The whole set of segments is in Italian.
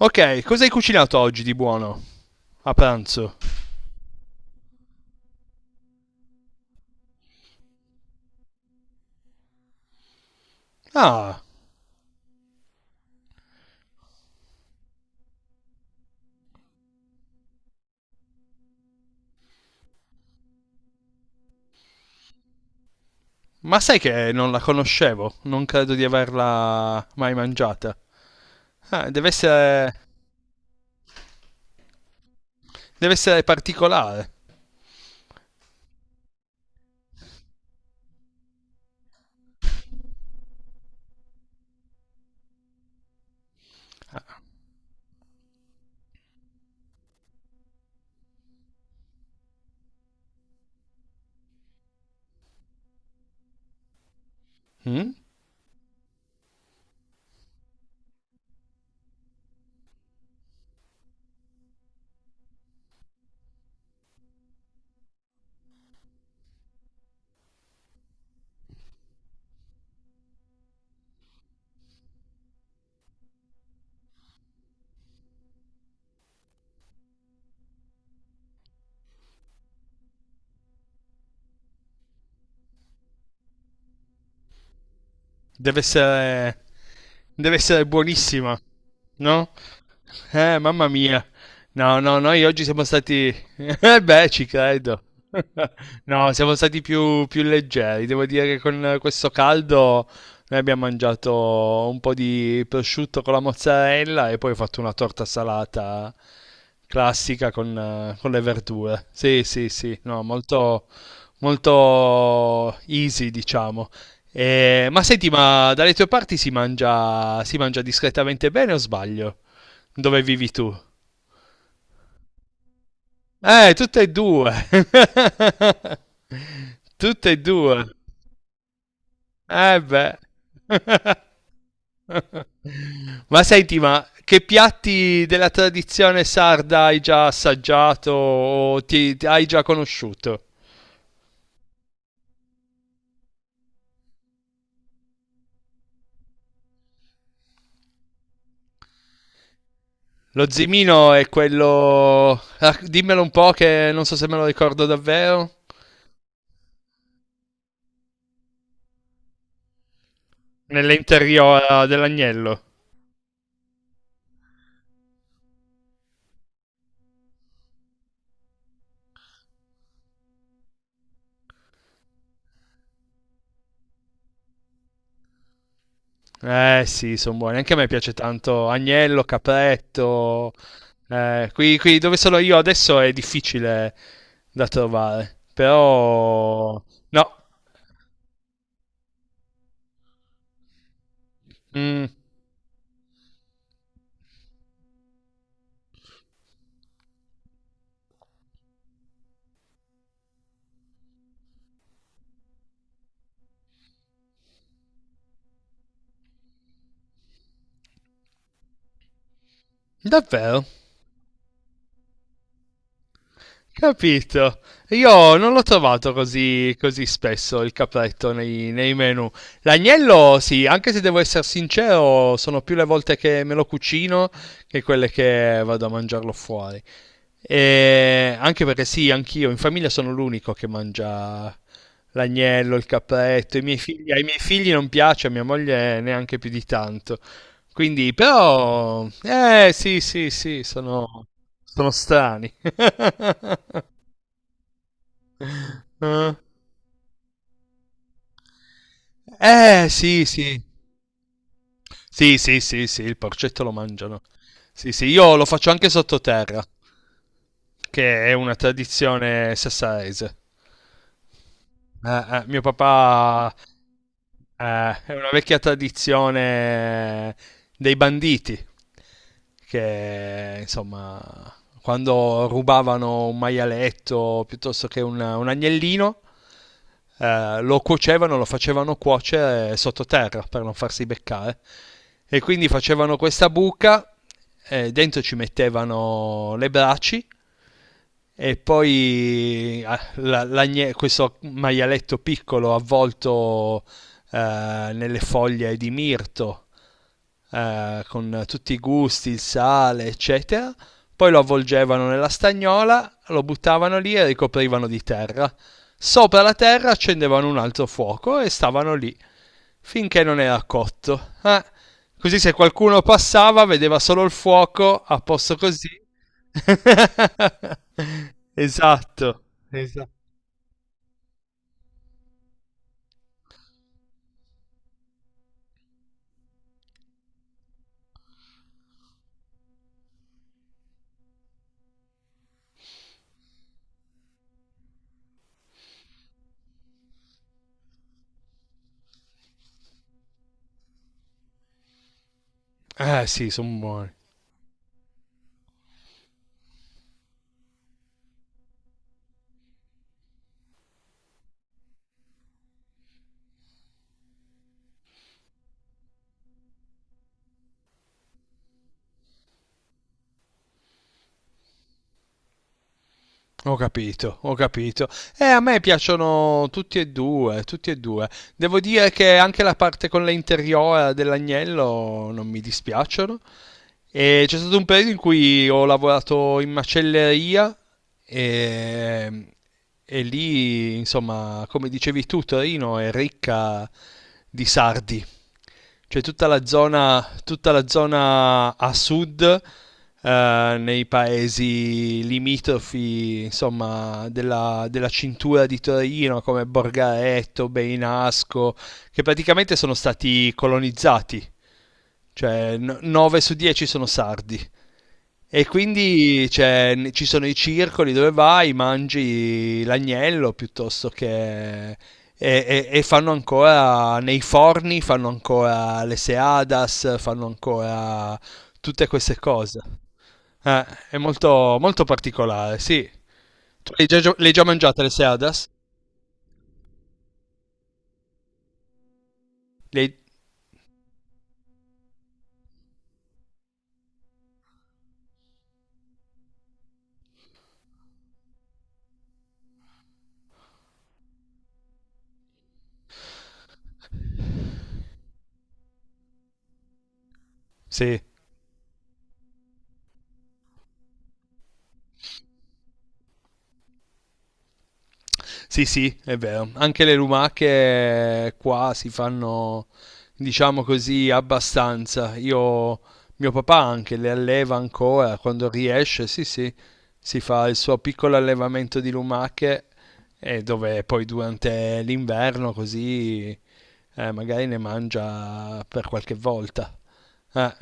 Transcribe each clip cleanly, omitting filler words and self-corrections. Ok, cosa hai cucinato oggi di buono? A pranzo. Ah, ma sai che non la conoscevo? Non credo di averla mai mangiata. Ah, deve essere. Deve essere particolare. Mm? Deve essere. Deve essere buonissima, no? Mamma mia. No, no, noi oggi siamo stati eh beh, ci credo. No, siamo stati più leggeri. Devo dire che con questo caldo noi abbiamo mangiato un po' di prosciutto con la mozzarella e poi ho fatto una torta salata classica con le verdure. Sì, sì, sì, no, molto molto easy, diciamo. Ma senti, ma dalle tue parti si mangia discretamente bene o sbaglio? Dove vivi tu? Tutte e due. Tutte e due. Eh beh. Ma senti, ma che piatti della tradizione sarda hai già assaggiato o ti hai già conosciuto? Lo zimino è quello... ah, dimmelo un po' che non so se me lo ricordo davvero. Nell'interiola dell'agnello. Eh sì, sono buoni. Anche a me piace tanto agnello, capretto. Qui dove sono io adesso è difficile da trovare, però... No, Mm, davvero? Capito. Io non l'ho trovato così, così spesso il capretto nei menu. L'agnello, sì, anche se devo essere sincero, sono più le volte che me lo cucino che quelle che vado a mangiarlo fuori. E anche perché sì, anch'io in famiglia sono l'unico che mangia l'agnello, il capretto, i miei figli, ai miei figli non piace, a mia moglie neanche più di tanto. Quindi, però, eh sì, sì, sì, sono, sono strani. Eh sì, sì, sì, sì, sì, sì, il porcetto lo mangiano. Sì, sì, io lo faccio anche sottoterra, che è una tradizione sassarese. Eh, mio papà. Eh, è una vecchia tradizione dei banditi che insomma quando rubavano un maialetto piuttosto che un agnellino, lo cuocevano, lo facevano cuocere sottoterra per non farsi beccare e quindi facevano questa buca, dentro ci mettevano le braci e poi questo maialetto piccolo avvolto nelle foglie di mirto, con tutti i gusti, il sale, eccetera. Poi lo avvolgevano nella stagnola, lo buttavano lì e ricoprivano di terra. Sopra la terra accendevano un altro fuoco e stavano lì finché non era cotto. Così se qualcuno passava vedeva solo il fuoco a posto così. Esatto, esatto. Eh sì, sono buoni. Ho capito, ho capito. A me piacciono tutti e due, tutti e due. Devo dire che anche la parte con le interiora dell'agnello non mi dispiacciono. E c'è stato un periodo in cui ho lavorato in macelleria e, e lì, insomma, come dicevi tu, Torino è ricca di sardi. Cioè tutta la zona a sud, nei paesi limitrofi, insomma, della cintura di Torino, come Borgaretto, Beinasco, che praticamente sono stati colonizzati. Cioè 9 su 10 sono sardi. E quindi cioè, ci sono i circoli dove vai, mangi l'agnello piuttosto che... E, e fanno ancora, nei forni fanno ancora le seadas, fanno ancora tutte queste cose. Eh, è molto, molto particolare, sì. Tu le hai già, le hai già mangiate le seadas? Le hai- Sì. Sì, sì, è vero. Anche le lumache qua si fanno, diciamo così, abbastanza. Io, mio papà anche le alleva ancora quando riesce, sì, sì, si fa il suo piccolo allevamento di lumache e dove poi durante l'inverno così, magari ne mangia per qualche volta. Eh.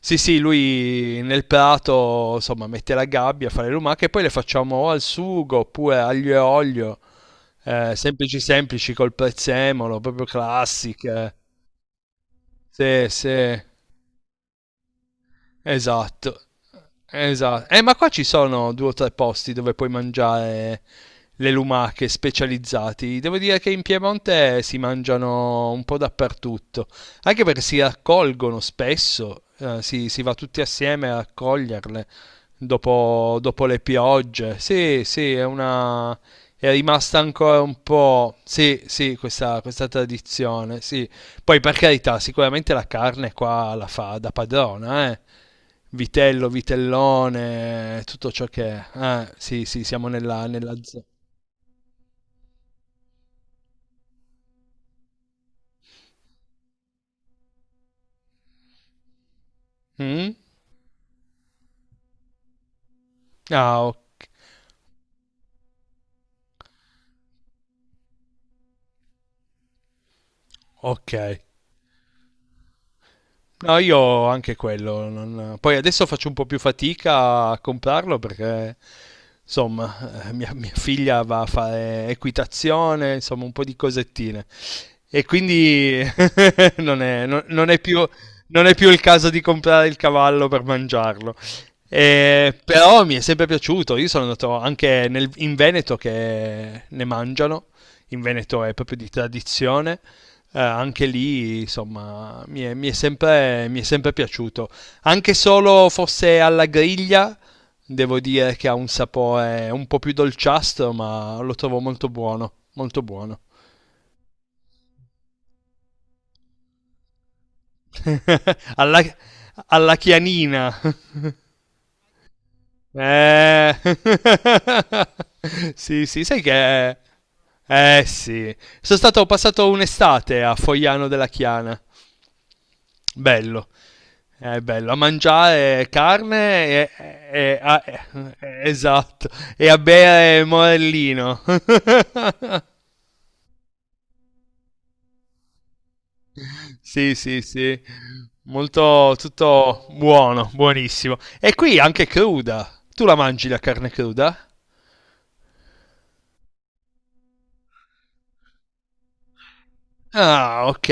Sì, sì, lui nel prato, insomma, mette la gabbia, fa le lumache e poi le facciamo o al sugo oppure aglio e olio, semplici semplici col prezzemolo, proprio classiche. Sì, sì, esatto. Esatto. Ma qua ci sono due o tre posti dove puoi mangiare le lumache specializzati. Devo dire che in Piemonte si mangiano un po' dappertutto, anche perché si raccolgono spesso, si va tutti assieme a raccoglierle dopo, dopo le piogge. Sì, sì, è una... È rimasta ancora un po', sì, sì, questa tradizione, sì. Poi per carità, sicuramente la carne qua la fa da padrona, eh. Vitello, vitellone, tutto ciò che è. Sì, sì, siamo nella, nella zona. Mm? Ah, ok. Ok, no, io anche quello. Poi adesso faccio un po' più fatica a comprarlo perché, insomma, mia figlia va a fare equitazione, insomma, un po' di cosettine. E quindi non è, non è più, non è più il caso di comprare il cavallo per mangiarlo. Però mi è sempre piaciuto. Io sono andato anche in Veneto che ne mangiano. In Veneto è proprio di tradizione. Anche lì, insomma, mi è sempre piaciuto. Anche solo fosse alla griglia, devo dire che ha un sapore un po' più dolciastro, ma lo trovo molto buono, molto buono. Alla, alla chianina. Eh. Sì, sì, sai che... Eh sì, sono stato ho passato un'estate a Fogliano della Chiana. Bello. È bello, a mangiare carne e, e- a- esatto, e a bere morellino. Sì, sì, sì, molto, tutto buono, buonissimo. E qui anche cruda. Tu la mangi la carne cruda? Ah, ok.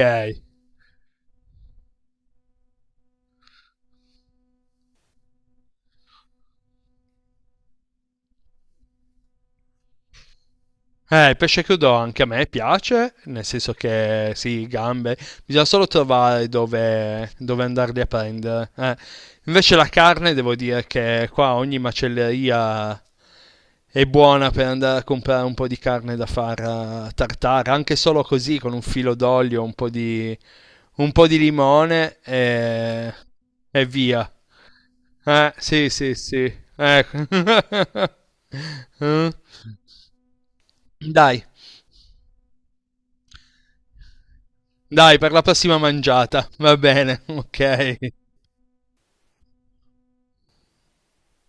Il pesce crudo anche a me piace, nel senso che sì, gambe, bisogna solo trovare dove, dove andarli a prendere. Eh. Invece la carne, devo dire che qua ogni macelleria è buona per andare a comprare un po' di carne da far, tartare, anche solo così, con un filo d'olio, un po' di limone e via. Sì, sì, sì. Ecco. Eh. Dai. Dai, per la prossima mangiata. Va bene, ok.